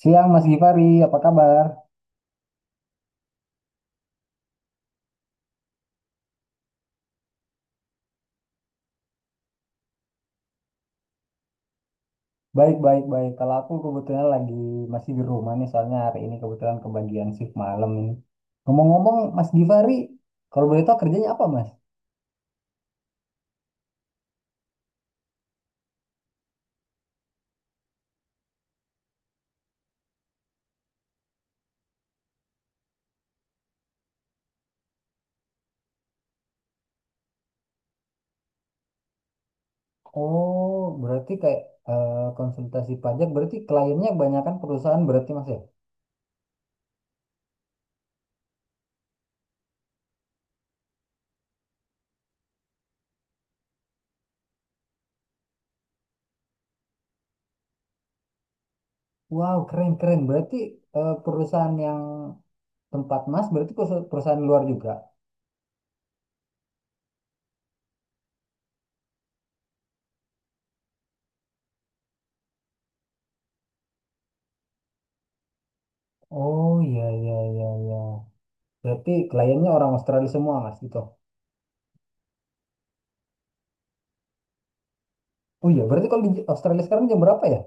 Siang Mas Gifari, apa kabar? Baik, baik, baik. Kalau aku kebetulan lagi masih di rumah nih, soalnya hari ini kebetulan kebagian shift malam ini. Ngomong-ngomong, Mas Gifari, kalau boleh tahu kerjanya apa, Mas? Oh, berarti kayak konsultasi pajak, berarti kliennya kebanyakan perusahaan berarti, Mas ya? Wow, keren, keren. Berarti perusahaan yang tempat Mas, berarti perusahaan luar juga? Oh, iya, iya, iya, iya. Berarti kliennya orang Australia semua, Mas, gitu. Oh iya, berarti kalau di Australia sekarang jam berapa ya?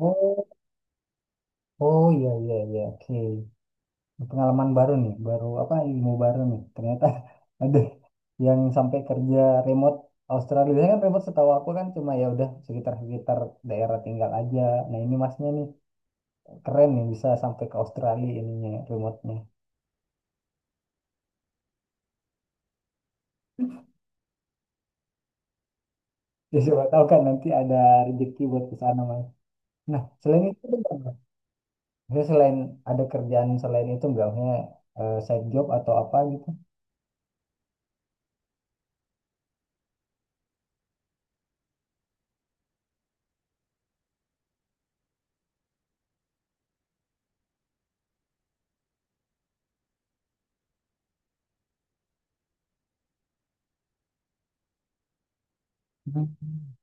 Oh, oh, iya iya iya. Oke. Pengalaman baru nih, baru apa ilmu baru nih. Ternyata ada yang sampai kerja remote Australia. Biasanya kan remote setahu aku kan cuma ya udah sekitar-sekitar daerah tinggal aja. Nah, ini masnya nih keren nih bisa sampai ke Australia ininya remote-nya. Ya siapa tahu kan nanti ada rezeki buat ke sana mas. Nah, selain itu ada nggak, Mas? Maksudnya selain ada kerjaan selain itu enggak maksudnya side job atau apa gitu? Hmm.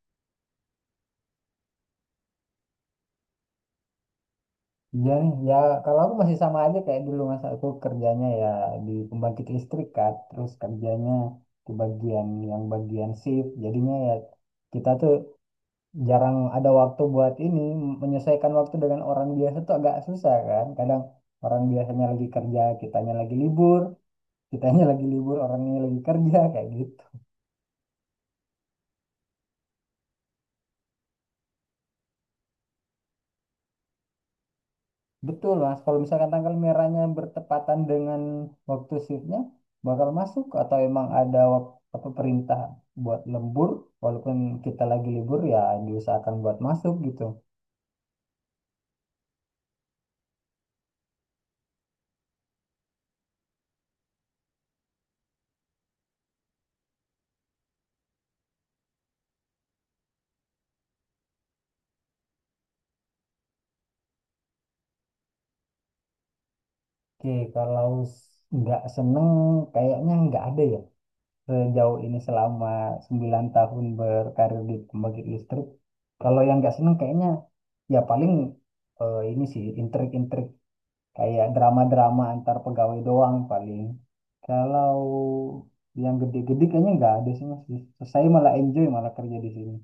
Iya nih, ya kalau aku masih sama aja kayak dulu masa aku kerjanya ya di pembangkit listrik kan, terus kerjanya di bagian yang bagian shift, jadinya ya kita tuh jarang ada waktu buat ini, menyelesaikan waktu dengan orang biasa tuh agak susah kan, kadang orang biasanya lagi kerja, kitanya lagi libur, kitanya lagi libur, orangnya lagi kerja kayak gitu. Betul, Mas. Kalau misalkan tanggal merahnya bertepatan dengan waktu shiftnya, bakal masuk atau emang ada apa perintah buat lembur, walaupun kita lagi libur ya diusahakan buat masuk gitu. Oke, kalau nggak seneng, kayaknya nggak ada ya. Sejauh ini selama 9 tahun berkarir di pembangkit listrik, kalau yang nggak seneng kayaknya ya paling ini sih, intrik-intrik kayak drama-drama antar pegawai doang paling. Kalau yang gede-gede kayaknya nggak ada sih mas. Saya malah enjoy malah kerja di sini.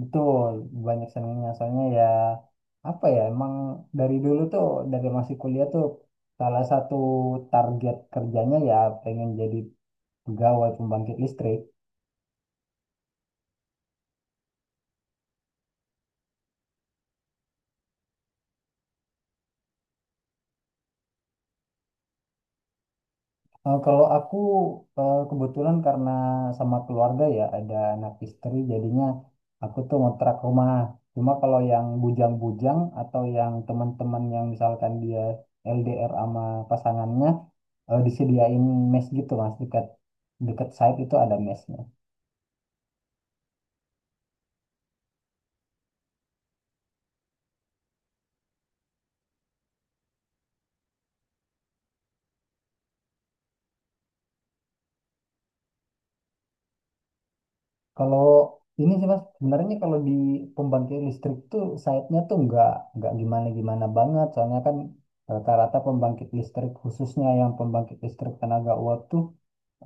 Betul, banyak senangnya. Soalnya ya apa ya emang dari dulu tuh dari masih kuliah tuh salah satu target kerjanya ya pengen jadi pegawai pembangkit listrik. Kalau aku kebetulan karena sama keluarga ya ada anak istri jadinya aku tuh ngontrak rumah. Cuma kalau yang bujang-bujang atau yang teman-teman yang misalkan dia LDR sama pasangannya disediain mes gitu mas dekat dekat site itu ada mesnya. Kalau ini sih mas sebenarnya kalau di pembangkit listrik tuh site-nya tuh nggak gimana-gimana banget soalnya kan rata-rata pembangkit listrik khususnya yang pembangkit listrik tenaga uap tuh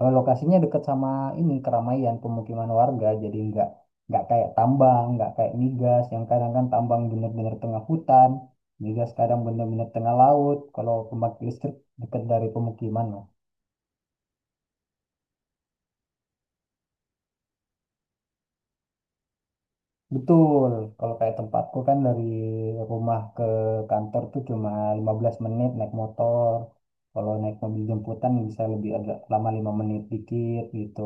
Lokasinya dekat sama ini keramaian pemukiman warga, jadi nggak kayak tambang, nggak kayak migas yang kadang kan tambang bener-bener tengah hutan, migas kadang bener-bener tengah laut. Kalau pembangkit listrik dekat dari pemukiman lah. Betul, kalau kayak tempatku kan dari rumah ke kantor tuh cuma 15 menit naik motor. Kalau naik mobil jemputan bisa lebih agak lama 5 menit dikit gitu.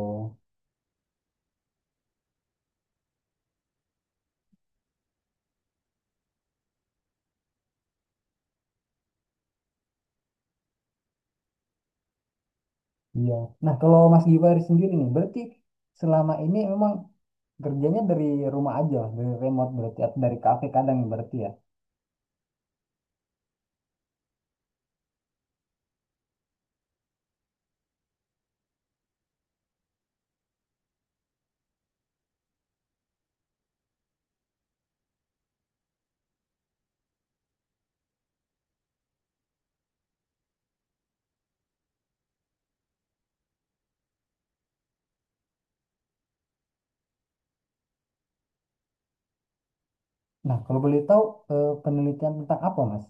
Iya. Nah, kalau Mas Givari sendiri nih, berarti selama ini memang kerjanya dari rumah aja, dari remote berarti atau dari kafe kadang berarti ya. Nah, kalau boleh tahu penelitian tentang apa, Mas?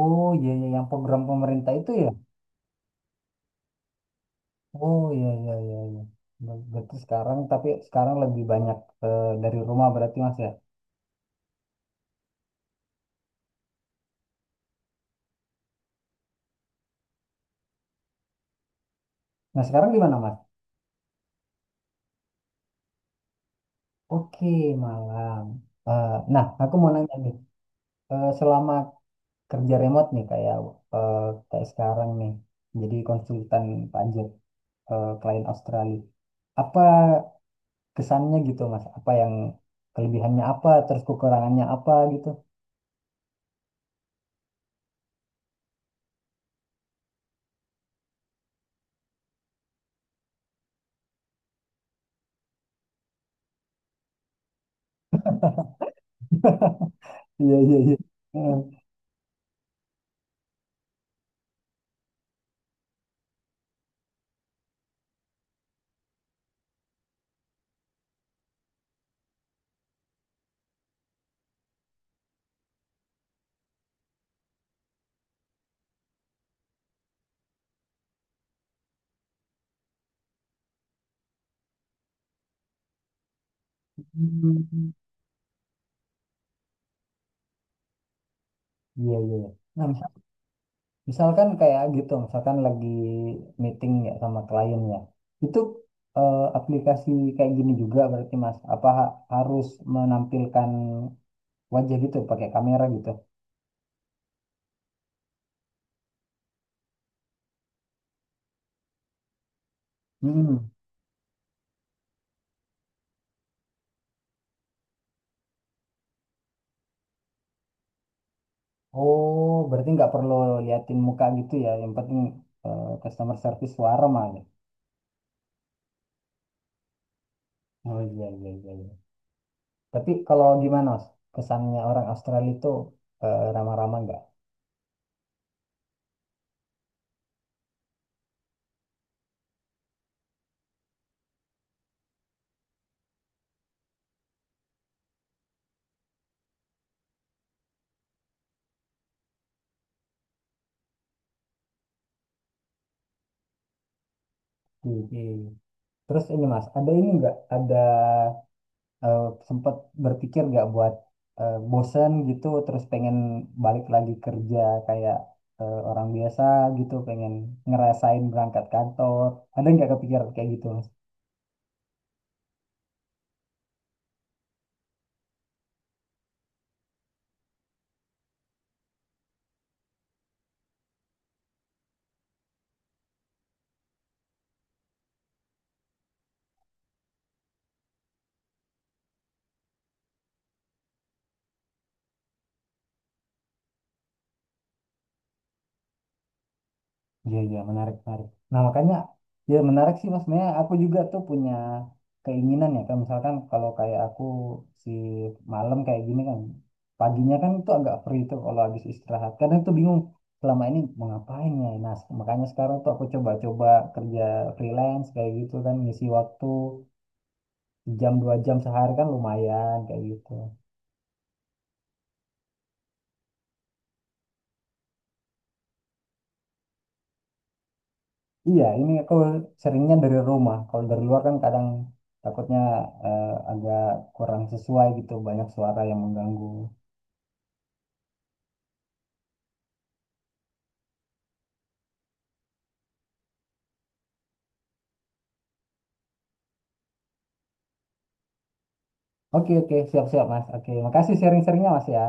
Oh iya iya yang program pemerintah itu ya. Oh iya iya iya iya. Berarti sekarang tapi sekarang lebih banyak dari rumah berarti Mas ya. Nah, sekarang di mana, Mas? Oke, malam. Eh, nah, aku mau nanya nih. Selama kerja remote nih kayak eh, kayak sekarang nih jadi konsultan pajak, klien Australia. Apa kesannya gitu mas apa yang kelebihannya apa terus kekurangannya apa gitu. Iya iya iya. Heeh. Hmm. Iya iya iya. Nah misalkan kayak gitu misalkan lagi meeting ya sama klien ya itu aplikasi kayak gini juga berarti mas apa harus menampilkan wajah gitu pakai kamera gitu. Hmm. Oh berarti nggak perlu liatin muka gitu ya yang penting customer service suara malah. Oh iya iya iya. Tapi kalau gimana Mas? Kesannya orang Australia itu ramah-ramah nggak? Di- Terus ini Mas, ada ini nggak? Ada eh, sempat berpikir nggak buat bosen gitu, terus pengen balik lagi kerja kayak orang biasa gitu, pengen ngerasain berangkat kantor. Ada nggak kepikiran kayak gitu Mas? Iya, iya, menarik, menarik. Nah, makanya, ya menarik sih, Mas. Sebenarnya aku juga tuh punya keinginan ya, kan misalkan kalau kayak aku si malam kayak gini kan, paginya kan itu agak free tuh kalau habis istirahat. Kadang tuh bingung, selama ini mau ngapain ya. Nah, makanya sekarang tuh aku coba-coba kerja freelance kayak gitu kan, ngisi waktu jam 2 jam sehari kan lumayan kayak gitu. Iya, ini aku seringnya dari rumah. Kalau dari luar kan kadang takutnya agak kurang sesuai gitu, banyak suara yang mengganggu. Oke, oke, siap-siap Mas. Oke, makasih sharing-sharingnya Mas ya.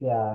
Ya.